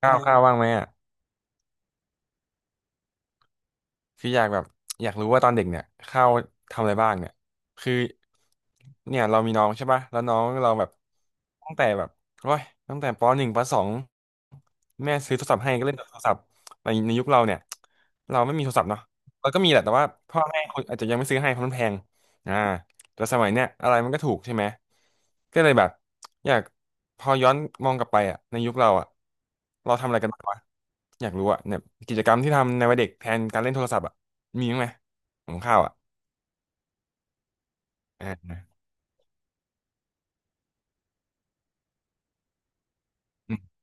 ข้าเอวมข้าวบ้างไหมอ่ะคืออยากแบบอยากรู้ว่าตอนเด็กเนี่ยข้าวทำอะไรบ้างเนี่ยคือเนี่ยเรามีน้องใช่ป่ะแล้วน้องเราแบบตั้งแต่แบบโอ้ยตั้งแต่ปหนึ่งปสองแม่ซื้อโทรศัพท์ให้ก็เล่นแต่โทรศัพท์ในยุคเราเนี่ยเราไม่มีโทรศัพท์เนาะเราก็มีแหละแต่ว่าพ่อแม่คนอาจจะยังไม่ซื้อให้เพราะมันแพงอ่าแต่สมัยเนี้ยอะไรมันก็ถูกใช่ไหมก็เลยแบบ อยากพอย้อนมองกลับไปอ่ะในยุคเราอ่ะเราทำอะไรกันบ้างวะอยากรู้อ่ะเนี่ยกิจกรรมที่ทำในวัยเด็กแทนการเล่นโทรศัพท์อ่ะมีบ้างไหมของข้าวอ่ะอ่าอืม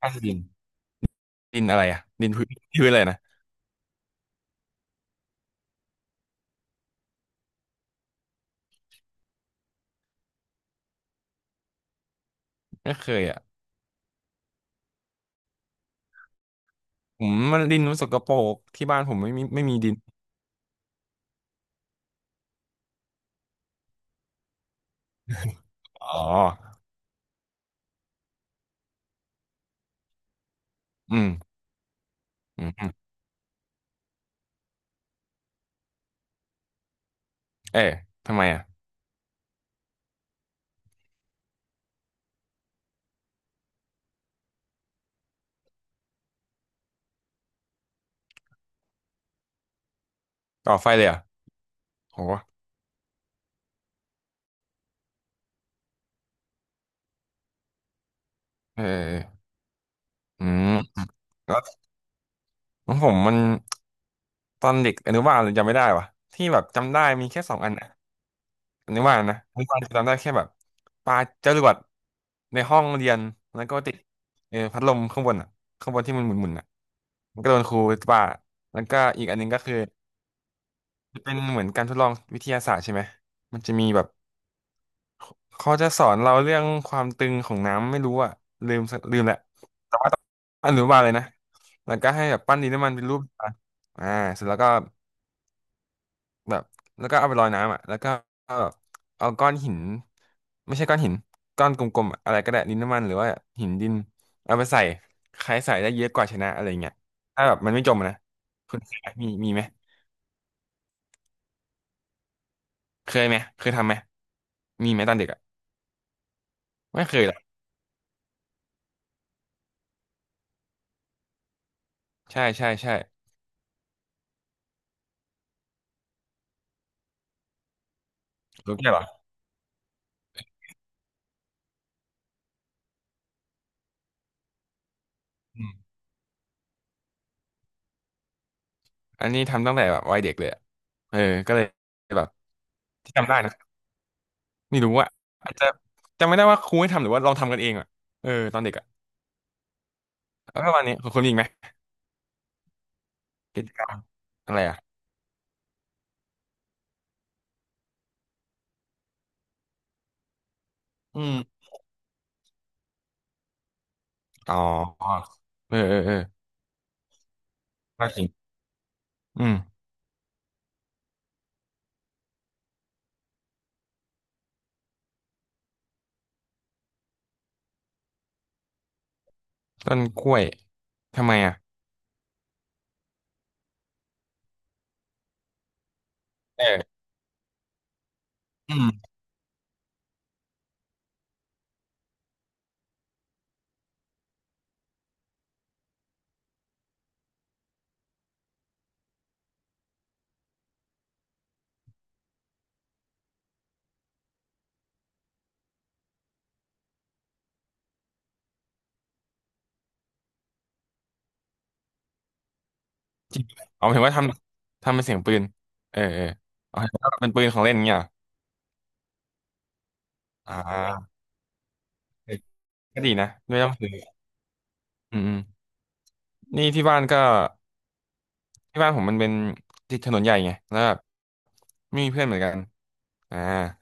ข้าวดินดินอะไรอ่ะดินพื้น พื้นอะไรนะไม่เคยอ่ะผมมันดินมันสกปรกที่บ้านผมไม่มีดินอ๋ออืมอืมอืมเอ๊ะทำไมอ่ะก่อไฟเลยอ่ะโหเออเอออืมแล้วของผมมันตอนเด็กอนุบาลเลยจำไม่ได้วะที่แบบจำได้มีแค่สองอันนะ นึกว่านะนึกว่าจำได้แค่แบบปาจรวดในห้องเรียนแล้วก็ติดเออพัดลมข้างบนอ่ะข้างบนที่มันหมุนๆอ่ะมันก็โดนครูปาแล้วก็อีกอันหนึงก็คือเป็นเหมือนการทดลองวิทยาศาสตร์ใช่ไหมมันจะมีแบบเขาจะสอนเราเรื่องความตึงของน้ำไม่รู้อ่ะลืมแหละแต่ว่าต้องอนุบาลเลยนะแล้วก็ให้แบบปั้นดินน้ำมันเป็นรูปอ่ะอ่าเสร็จแล้วก็ แบบแล้วก็เอาไปลอยน้ำอ่ะแล้วก็เอาก้อนหินไม่ใช่ก้อนหินก้อนกลมๆอะอะไรก็ได้ดินน้ำมันหรือว่าหินดินเอาไปใส่ใครใส่ได้เยอะกว่าชนะอะไรเงี้ยถ้าแบบมันไม่จมอะนะคุณเคยไหมมีไหมเคยไหมเคยทำไหมมีไหมตอนเด็กอ่ะไม่เคยหรอกใช่ใช่ใช่รู้แค่เหรออืมอันนี้ทำตั้งแต่แบบวัยเด็กเลยอะเออก็เลยแบบที่จำได้นะไม่รู้ว่าอาจจะจำไม่ได้ว่าครูให้ทำหรือว่าลองทำกันเองอ่ะเออตอนเด็กอ่ะแล้วประมาณนี้คุณมีอีกไหมกิจกรรมอะไรอ่ะอืม อ๋อเออเออเออก็จริงอืมต้นกล้วยทำไมอ่ะเอออืมจริงเอาเห็นว่าทำเป็นเสียงปืนเออเออเอาเห็นว่าเป็นปืนของเล่นเงี้ยเหรออ่าเออก็ดีนะไม่ต้องซื้ออืมอืมนี่ที่บ้านก็ที่บ้านผมมันเป็นติดถนนใหญ่ไงแล้วแบบไม่มีเพื่อนเหมือนกันอ่า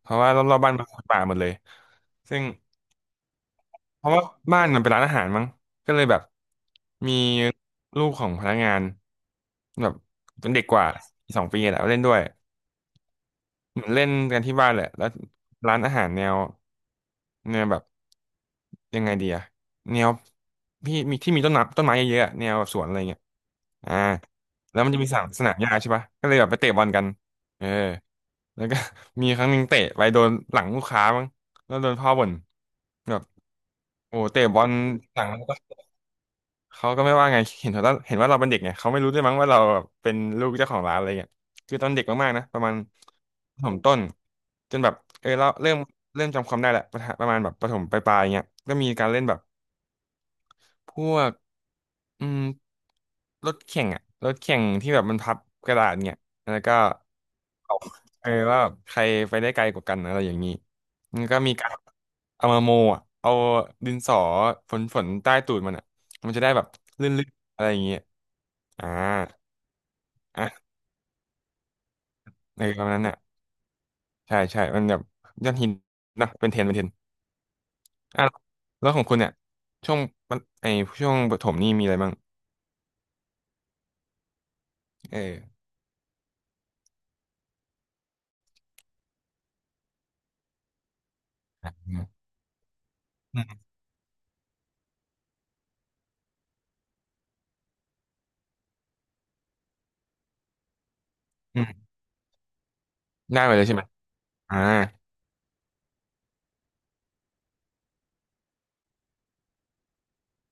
เพราะว่ารอบๆบ้านเป็นป่าหมดเลยซึ่ง เพราะว่าบ้านมันเป็นร้านอาหารมั้งก็เลยแบบมีลูกของพนักงานแบบเป็นเด็กกว่าสองปีแหละเล่นด้วย เหมือนเล่นกันที่บ้านแหละแล้วร้านอาหารแนวแนวแบบยังไงดีอะแนวพี่มีที่มีต้นน้ำต้นไม้เยอะๆอะแนวแบบสวนอะไรเงี้ยอ่าแล้วมันจะมีสนามหญ้าใช่ปะก็เลยแบบไปเตะบอลกันเออแล้วก็ มีครั้งหนึ่งเตะไปโดนหลังลูกค้ามั้งแล้วโดนพ่อบ่นแบบโอ้เตะบอลหลัง เขาก็ไม่ว่าไง เห็นว่าเราเป็นเด็กไงเขาไม่รู้ด้วยมั้งว่าเราแบบเป็นลูกเจ้าของร้านอะไรเงี้ยคือตอนเด็กมากๆนะประมาณประถมต้นจนแบบเออเราเริ่มจำความได้แหละประถประมาณแบบประถมปลายๆเงี้ยก็มีการเล่นแบบพวกอืมรถแข่งอะรถแข่งที่แบบมันพับกระดาษเงี้ยแล้วก็ เออว่าแบบใครไปได้ไกลกว่ากันอะไรอย่างนี้มันก็มีการเอามาโมอ่ะเอาดินสอฝนใต้ตูดมันอ่ะมันจะได้แบบลื่นๆอะไรอย่างเงี้ยอ่าอ่ะในประมาณนั้นน่ะใช่ใช่มันแบบยอดฮิตนะเป็นเทรนด์อ่ะแล้วของคุณเนี่ยช่วงมันไอช่วงประถมนี่มีอะไรบ้างเอออืมอืมได้ไปเลยใช่ไหมอ่า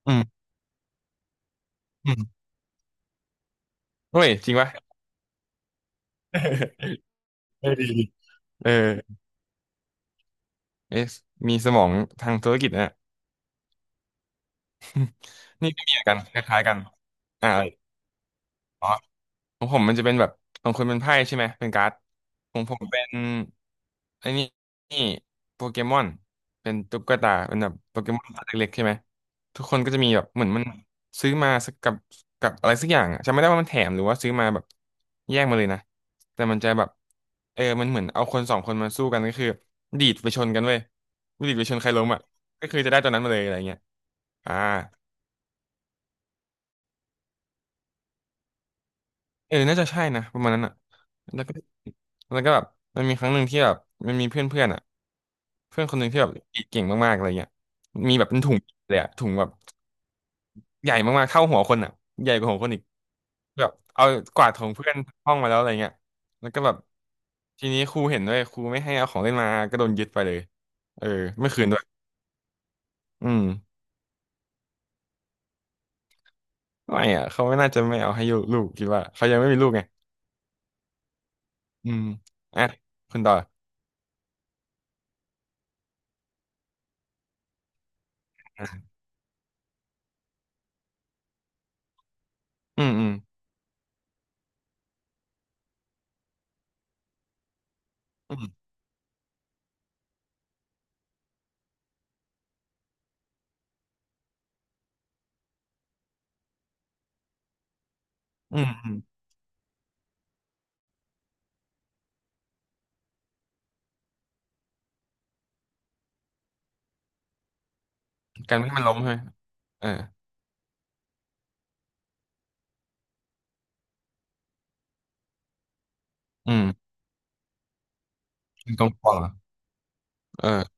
อืมอืมเฮ้ยจริงปะเออดีดีเออเอะมีสมองทางธุรกิจนะ นี่ก็มีเหมือนกันคล้ายๆกันอ่าอ๋อของผมมันจะเป็นแบบของคุณเป็นไพ่ใช่ไหมเป็นการ์ดของผมเป็นไอ้นี่นี่โปเกมอนเป็นตุ๊กตาเป็นแบบโปเกมอนตัวเล็กๆใช่ไหมทุกคนก็จะมีแบบเหมือนมันซื้อมาสักกับอะไรสักอย่างอ่ะจำไม่ได้ว่ามันแถมหรือว่าซื้อมาแบบแยกมาเลยนะแต่มันจะแบบเออมันเหมือนเอาคนสองคนมาสู้กันก็คือดีดไปชนกันเว้ยดีดไปชนใครล้มอ่ะก็คือจะได้ตัวนั้นมาเลยอะไรเงี้ยอ่า เออ น่าจะใช่นะประมาณนั้นอ่ะแล้วก็แล้วก็แบบมันมีครั้งหนึ่งที่แบบมันมีเพื่อนเพื่อนอ่ะเพื่อนคนหนึ่งที่แบบเก่งมากๆอะไรเงี้ยมีแบบเป็นถุงเลยอ่ะถุงแบบใหญ่มากๆเท่าหัวคนอ่ะใหญ่กว่าหัวคนอีกแบบเอากวาดของเพื่อนห้องมาแล้วอะไรเงี้ยแล้วก็แบบทีนี้ครูเห็นด้วยครูไม่ให้เอาของเล่นมาก็โดนยึดไปเลยเออไม่คืนด้วยอืมไม่อ่ะเขาไม่น่าจะไม่เอาให้ลูกคิดว่าเขายังไม่มีลูกไงอืมอ่ะคุณต่ออืมอืมอืมอืม กันไม่ให้มันล้มใช่ไหมเอออืมยิงตองปองเหรอเออ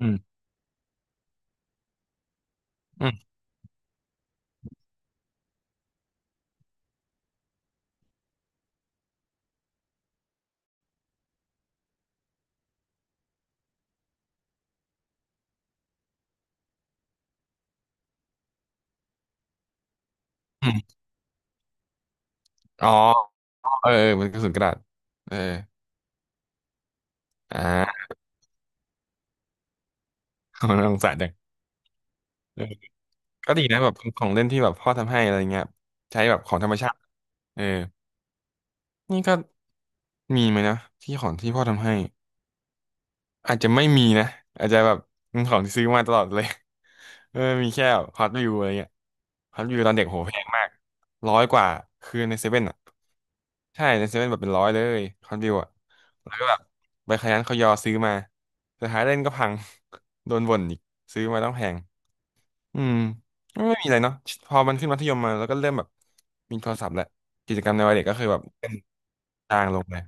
อืมอืมอืมอ๋อเออเออมันกระสุนกระดาษเอออ่า มันน่าสงสารจังเออก็ดีนะแบบของเล่นที่แบบพ่อทำให้อะไรเงี้ยใช้แบบของธรรมชาติเออนี่ก็มีไหมนะที่ของที่พ่อทำให้ อาจจะไม่มีนะอาจจะแบบ เป็นของที่ซื้อมาตลอดเลย เออมีแค่ฮอตวิวอะไรเงี้ยฮอตวิวตอนเด็กโหแพงมากร้อยกว่าคือในเซเว่นอ่ะใช่ในเซเว่นแบบเป็นร้อยเลยฮอตวิวอ่ะแล้วก็แบบไปขยันเขายอซื้อมาสุดท้ายเล่นก็พัง โดนบ่นอีกซื้อมาต้องแพงอืมไม่มีอะไรเนาะพอมันขึ้นมัธยมมาแล้วก็เริ่มแบบมีโทรศัพท์แหละกิจกรรมในวัยเด็กก็คือแบบเล่นจางลงเลย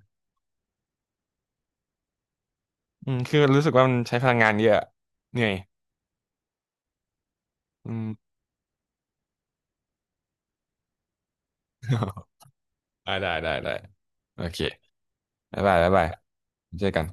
อืมคือรู้สึกว่ามันใช้พลังงานเยอะอะเหนื่อยอืม ได้ได้ได้ได้โอเคบ๊ายบายบ๊ายบายเจอกัน